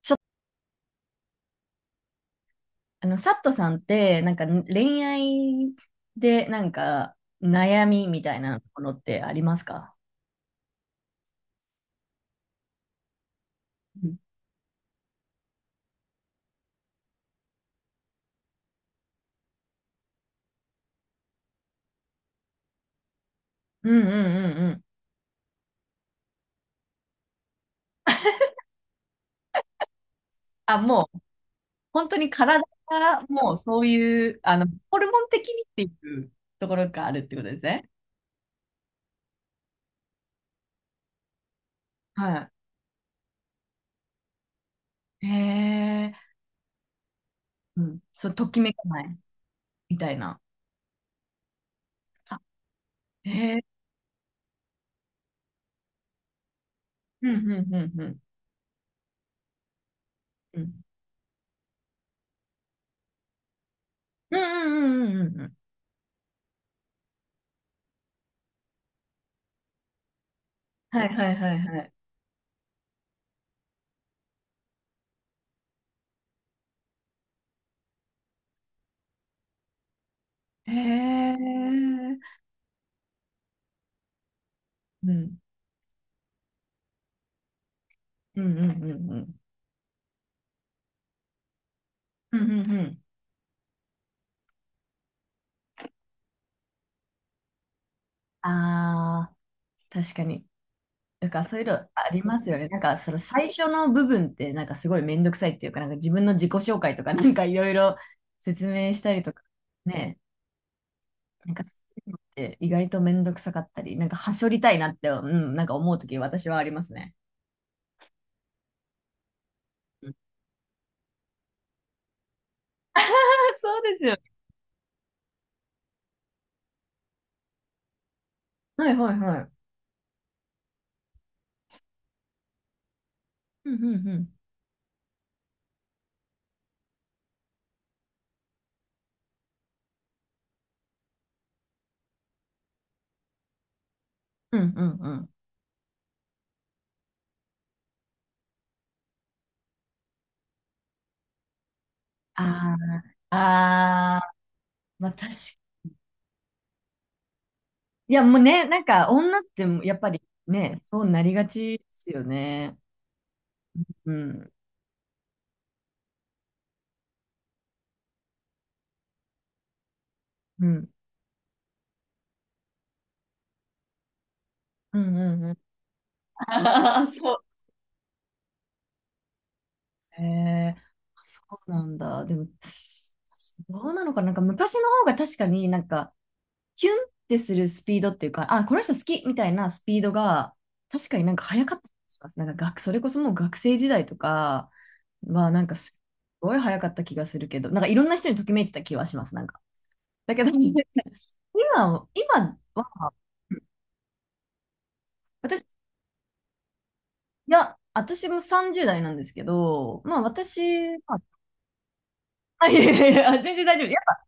ちょっと、サットさんって、なんか恋愛で、なんか悩みみたいなものってありますか？うんうんうんうんうん。あ、もう、本当に体が、もうそういう、ホルモン的にっていうところがあるってことですね。はい。へえ、うん。そう、ときめかない、みたいな。あ、へえ、うんうんうんうん。うん。うんうんうんうんうんうん。はいはいはいはい。へえ、うん。うんうんうんうん。うんうんうん。ああ、確かに。なんかそういうのありますよね。なんかその最初の部分ってなんかすごいめんどくさいっていうか、なんか自分の自己紹介とかなんかいろいろ説明したりとかね、なんかそういうのって意外とめんどくさかったり、なんかはしょりたいなって、うん、なんか思うとき私はありますね。うん そうですよね。はいはいはい。うんうんうん。うんうんうん。ああ、ああ、まあ確かに。いやもうね、なんか女ってやっぱりね、そうなりがちですよね。うん。うん。うんうんうんあー そう。えー、そうなんだ。でも、どうなのかな、なんか昔の方が確かになんか、キュンってするスピードっていうか、あ、この人好きみたいなスピードが、確かになんか早かった気がします。なんかそれこそもう学生時代とかは、なんかすごい早かった気がするけど、なんかいろんな人にときめいてた気はします、なんか。だけど、今は、私いや、私も30代なんですけど、まあ私、まあ、あいやいやいや、全然大丈夫。やっ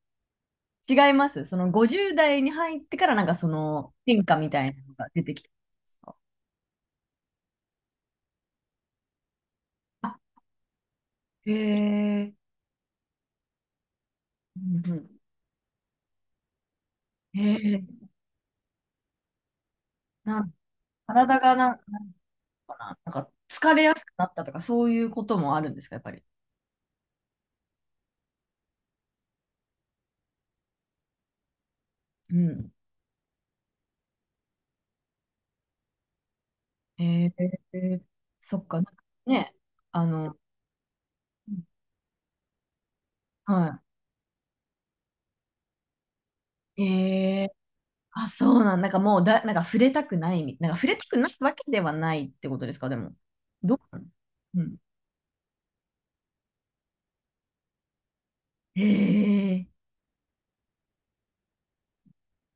ぱ違います。その50代に入ってからなんかその変化みたいなのが出てきてんですか？あ、へえ、うんうん、へえ、なん、体がなんか疲れやすくなったとかそういうこともあるんですか、やっぱり。うん。へえ、そっか、なんかね、あの、はい。へえあ、そうなん、なんかもうだ、なんか触れたくないみ、なんか触れたくないわけではないってことですか、でも。どうなのうん。へえ、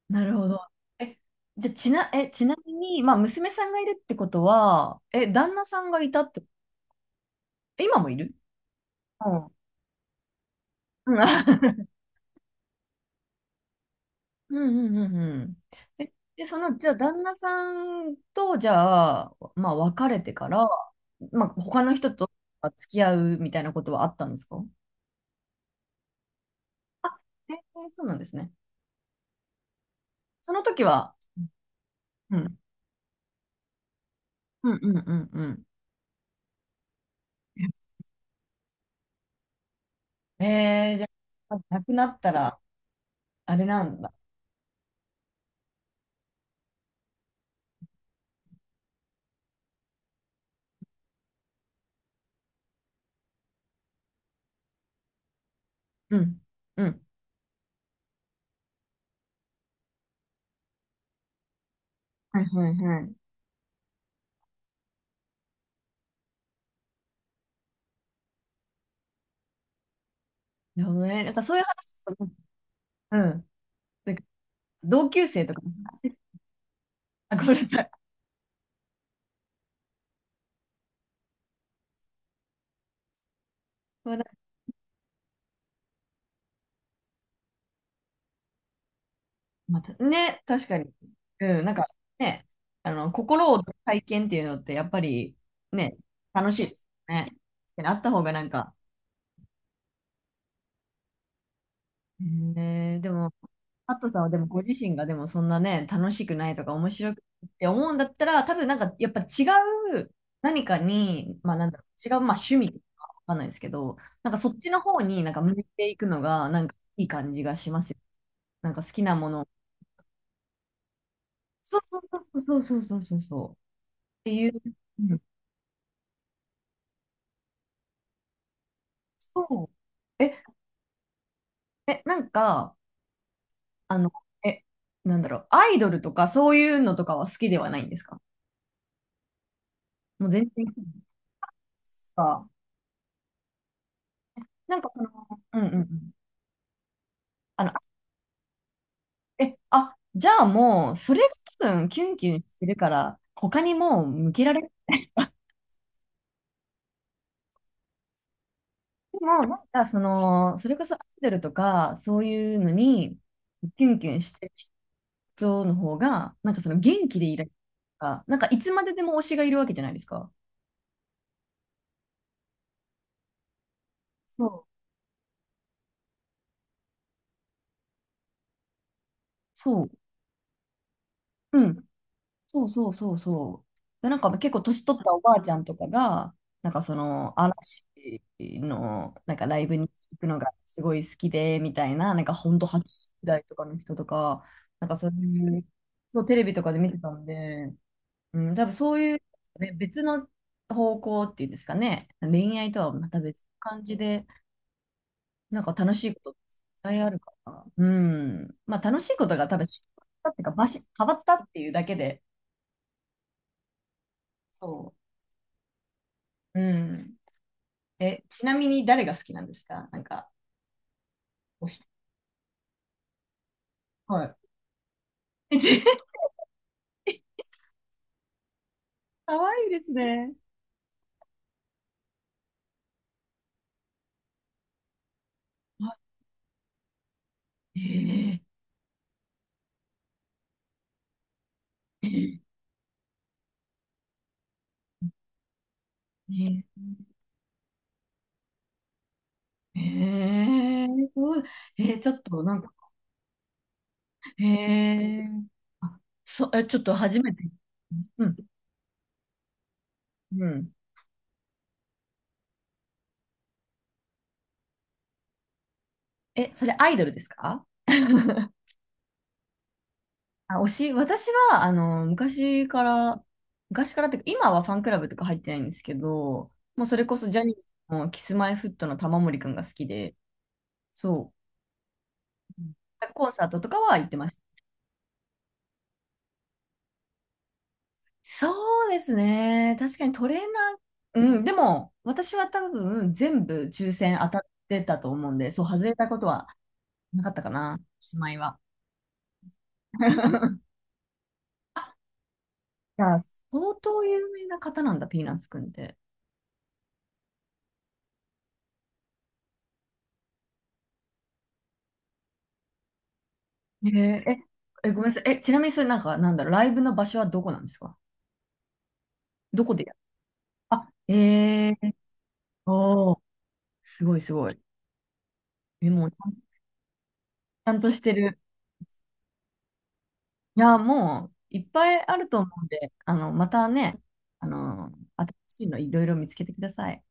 なるほど。え、じゃあ、ちなみに、まあ、娘さんがいるってことは、え、旦那さんがいたって、え今もいるうん。うん うんうんうんうん。え、で、その、じゃあ、旦那さんと、じゃあ、まあ、別れてから、まあ、他の人と付き合うみたいなことはあったんですかあ、えーそうなんですね。その時は、うん。うんうんうんうん。えー、じゃあ、なくなったら、あれなんだ。うん。うん。はいはいはい。なるほどね。なんかそういう話ちょっと、うん。なんか同級生とかの話、あ、ごめんなさい。ごめんなさいまた、ね、確かに。うん、なんかね、心を体験っていうのって、やっぱりね、楽しいですよね。確かにあった方がなんか、ねえでも、アットさんはでもご自身がでもそんなね、楽しくないとか面白くないって思うんだったら、多分なんかやっぱ違う何かに、まあなんだろう、違う、まあ趣味とかわかんないですけど、なんかそっちの方になんか向いていくのがなんかいい感じがしますよね。なんか好きなものを。そうそうそうそうそうそうそうそう。っていう。うんそう。え、なんか、あの、え、なんだろう、アイドルとかそういうのとかは好きではないんですか？もう全然。なんかその、うんうんうん。あの、あえ、あ、じゃあもう、それが多分キュンキュンしてるから、他にもう向けられても、なんかその、それこそアイドルとか、そういうのに、キュンキュンしてる人の方が、なんかその元気でいられるとか、なんかいつまででも推しがいるわけじゃないですか。そう。そう。うん。そうそうそうそう。で、なんか結構年取ったおばあちゃんとかが、なんかその嵐のなんかライブに行くのがすごい好きで、みたいな、なんかほんと80代とかの人とか、なんかそういう、そうテレビとかで見てたんで、うん、多分そういう、ね、別の方向っていうんですかね、恋愛とはまた別の感じで、なんか楽しいことっていっぱいあるから、うん、まあ楽しいことが多分、っていうか、場所変わったっていうだけで、そう。うん。え、ちなみに誰が好きなんですかなんか、推して。はい。かわい いですね。あえー、えー、えー、そう、えー、ちょっとなんか、えー、あ、そう、え、ちょっと初めて。うん、うん。え、それアイドルですか？あ、推し、私は、昔から、昔からっていうか、今はファンクラブとか入ってないんですけど、もうそれこそジャニーズのキスマイフットの玉森くんが好きで、そう。うんコンサートとかは行ってました。そうですね。確かにトレーナー、うん、でも私は多分全部抽選当たってたと思うんで、そう外れたことはなかったかな、しまいは。じゃあ、相当有名な方なんだ、ピーナッツくんって。えーえ、え、ごめんなさい。え、ちなみにそれなんか、なんだろう、ライブの場所はどこなんですか？どこでやるあ、えー、おー、すごいすごい。え、もうちゃんとしてるいや、もういっぱいあると思うんで、またね、新しいのいろいろ見つけてください。